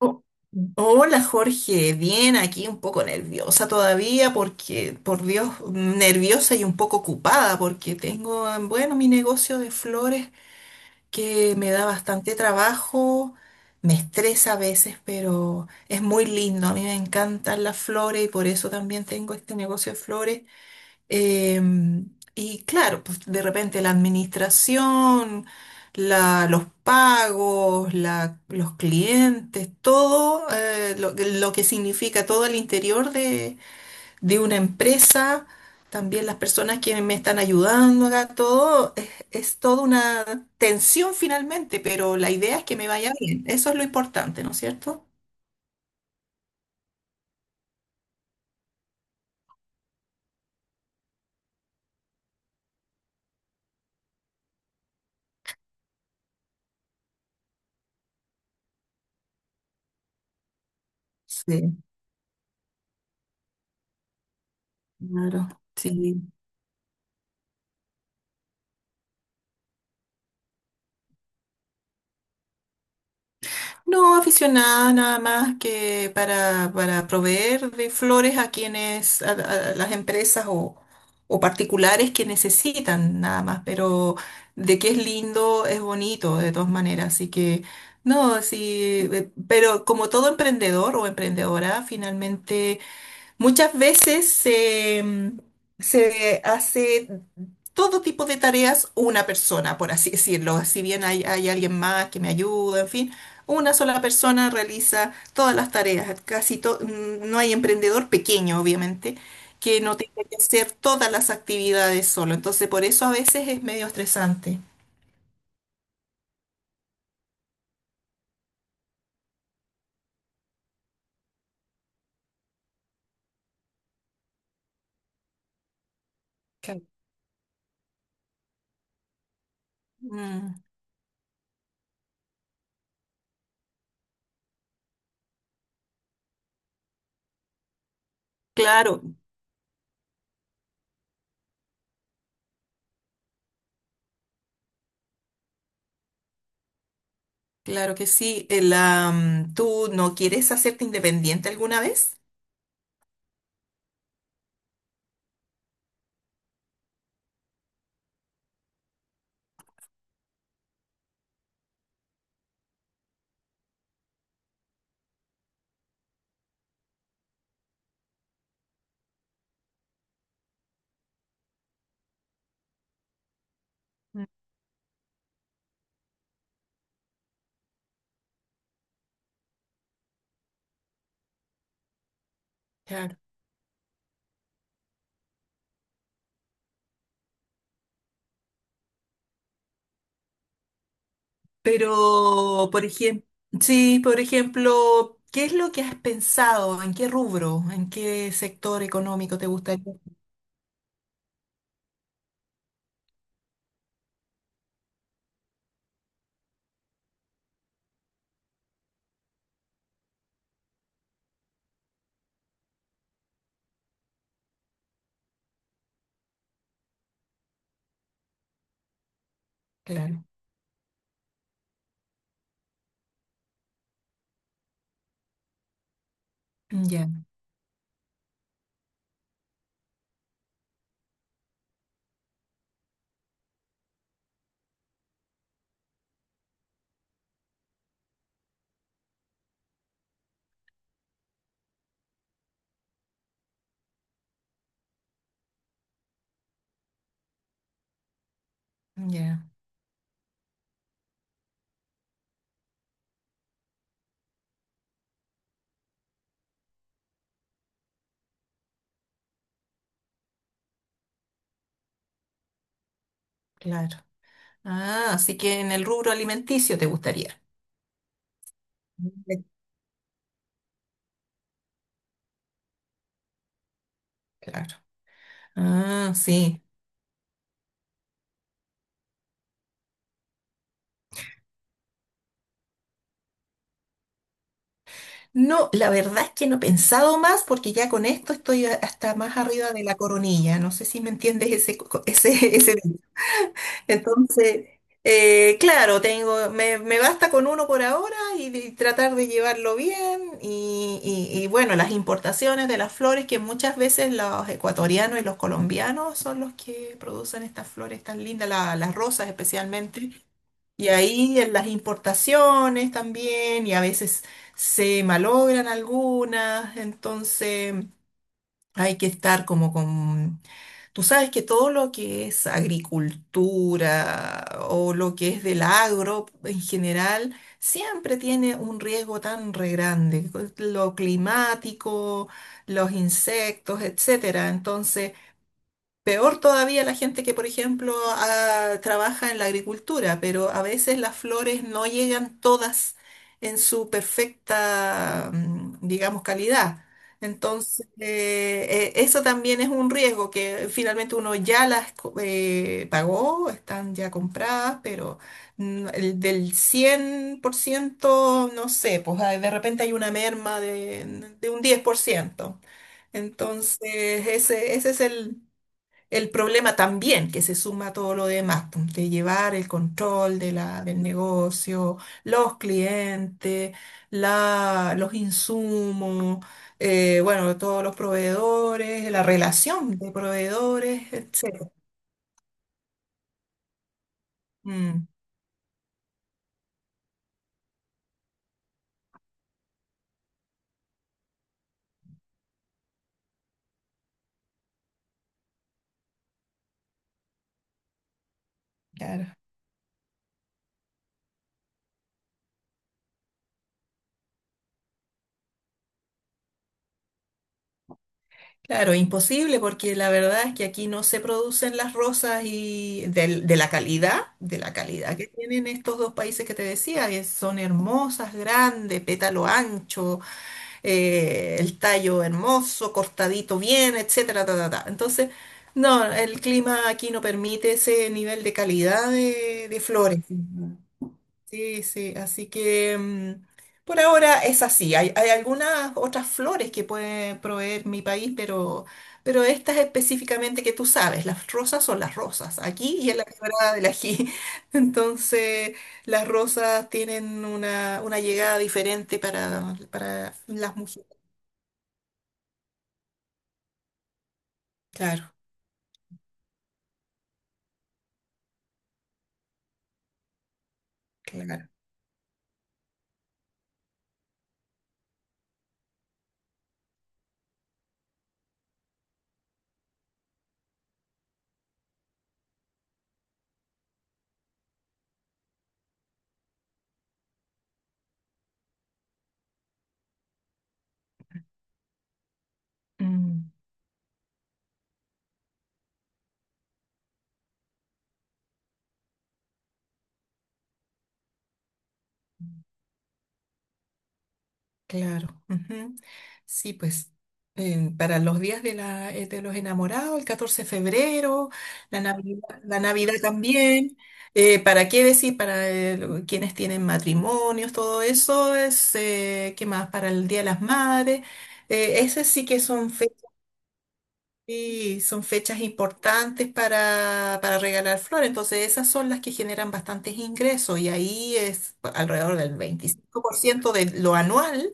Oh, hola Jorge, bien, aquí un poco nerviosa todavía porque, por Dios, nerviosa y un poco ocupada porque tengo, bueno, mi negocio de flores que me da bastante trabajo, me estresa a veces, pero es muy lindo, a mí me encantan las flores y por eso también tengo este negocio de flores. Em, y claro, pues de repente la administración, los pagos, los clientes, todo lo que significa todo el interior de una empresa, también las personas que me están ayudando acá, todo es toda una tensión finalmente, pero la idea es que me vaya bien. Eso es lo importante, ¿no es cierto? Sí, claro, sí. No, aficionada nada más que para proveer de flores a quienes, a, a las empresas o particulares que necesitan nada más, pero de que es lindo, es bonito de todas maneras, así que no, sí, pero como todo emprendedor o emprendedora, finalmente muchas veces se hace todo tipo de tareas una persona, por así decirlo. Si bien hay, hay alguien más que me ayuda, en fin, una sola persona realiza todas las tareas. No hay emprendedor pequeño, obviamente, que no tenga que hacer todas las actividades solo. Entonces, por eso a veces es medio estresante. Claro. Mm, claro, claro que sí. El, ¿tú no quieres hacerte independiente alguna vez? Pero, por ejemplo, sí, por ejemplo, ¿qué es lo que has pensado? ¿En qué rubro? ¿En qué sector económico te gustaría? Claro. Ya, ya, claro. Ah, así que en el rubro alimenticio te gustaría. Sí. Claro. Ah, sí. No, la verdad es que no he pensado más porque ya con esto estoy hasta más arriba de la coronilla. No sé si me entiendes ese, ese, ese. Entonces, claro, tengo, me basta con uno por ahora y, y tratar de llevarlo bien. Y, y bueno, las importaciones de las flores, que muchas veces los ecuatorianos y los colombianos son los que producen estas flores tan lindas, las rosas especialmente. Y ahí en las importaciones también, y a veces se malogran algunas, entonces hay que estar como con. Tú sabes que todo lo que es agricultura o lo que es del agro en general siempre tiene un riesgo tan re grande, con lo climático, los insectos, etcétera. Entonces, peor todavía la gente que, por ejemplo, trabaja en la agricultura, pero a veces las flores no llegan todas en su perfecta, digamos, calidad. Entonces, eso también es un riesgo que finalmente uno ya las pagó, están ya compradas, pero el del 100% no sé, pues de repente hay una merma de un 10%. Entonces, ese es el problema también que se suma a todo lo demás, pum, de llevar el control de la, del negocio, los clientes, la, los insumos, bueno, todos los proveedores, la relación de proveedores, etc. Mm, claro. Claro, imposible porque la verdad es que aquí no se producen las rosas y de la calidad que tienen estos dos países que te decía, que son hermosas, grandes, pétalo ancho, el tallo hermoso, cortadito bien, etcétera, ta, ta, ta. Entonces, no, el clima aquí no permite ese nivel de calidad de flores. Sí, sí, así que por ahora es así. Hay algunas otras flores que puede proveer mi país, pero estas específicamente que tú sabes, las rosas son las rosas, aquí y en la quebrada del ají. Entonces, las rosas tienen una llegada diferente para las mujeres. Claro, claro. Mm, claro. Ujú. Sí, pues para los días de, la, de los enamorados, el 14 de febrero, la Navidad también. ¿Para qué decir? Para quienes tienen matrimonios, todo eso es, ¿qué más? Para el Día de las Madres. Esas sí que son. Sí, son fechas importantes para regalar flores, entonces esas son las que generan bastantes ingresos y ahí es alrededor del 25% de lo anual,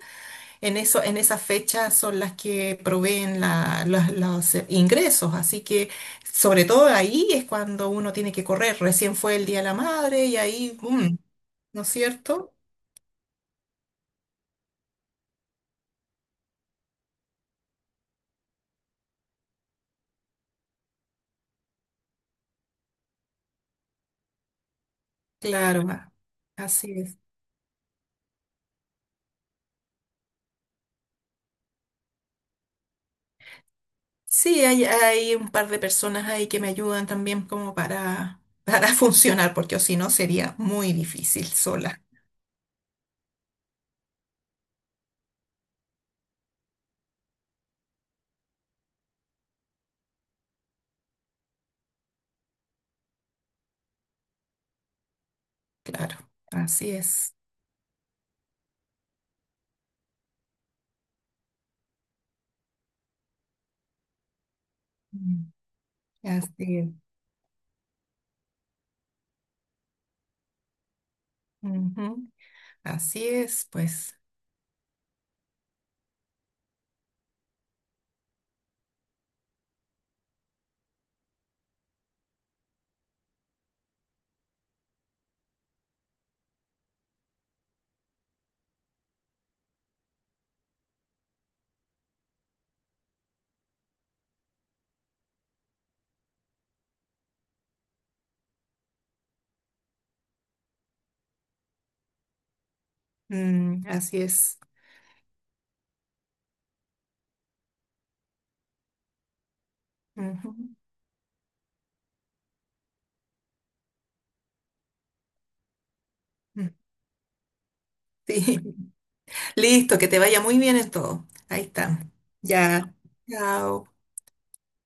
en eso, en esas fechas son las que proveen los ingresos, así que sobre todo ahí es cuando uno tiene que correr, recién fue el Día de la Madre y ahí, ¿no es cierto? Claro, así es. Sí, hay un par de personas ahí que me ayudan también como para funcionar, porque si no sería muy difícil sola, claro. Así es. Mm. Así es. Ujú. Así es, pues. Mm, así es. Ujú. Mm. Sí. Listo, que te vaya muy bien en todo. Ahí está. Ya. Chao.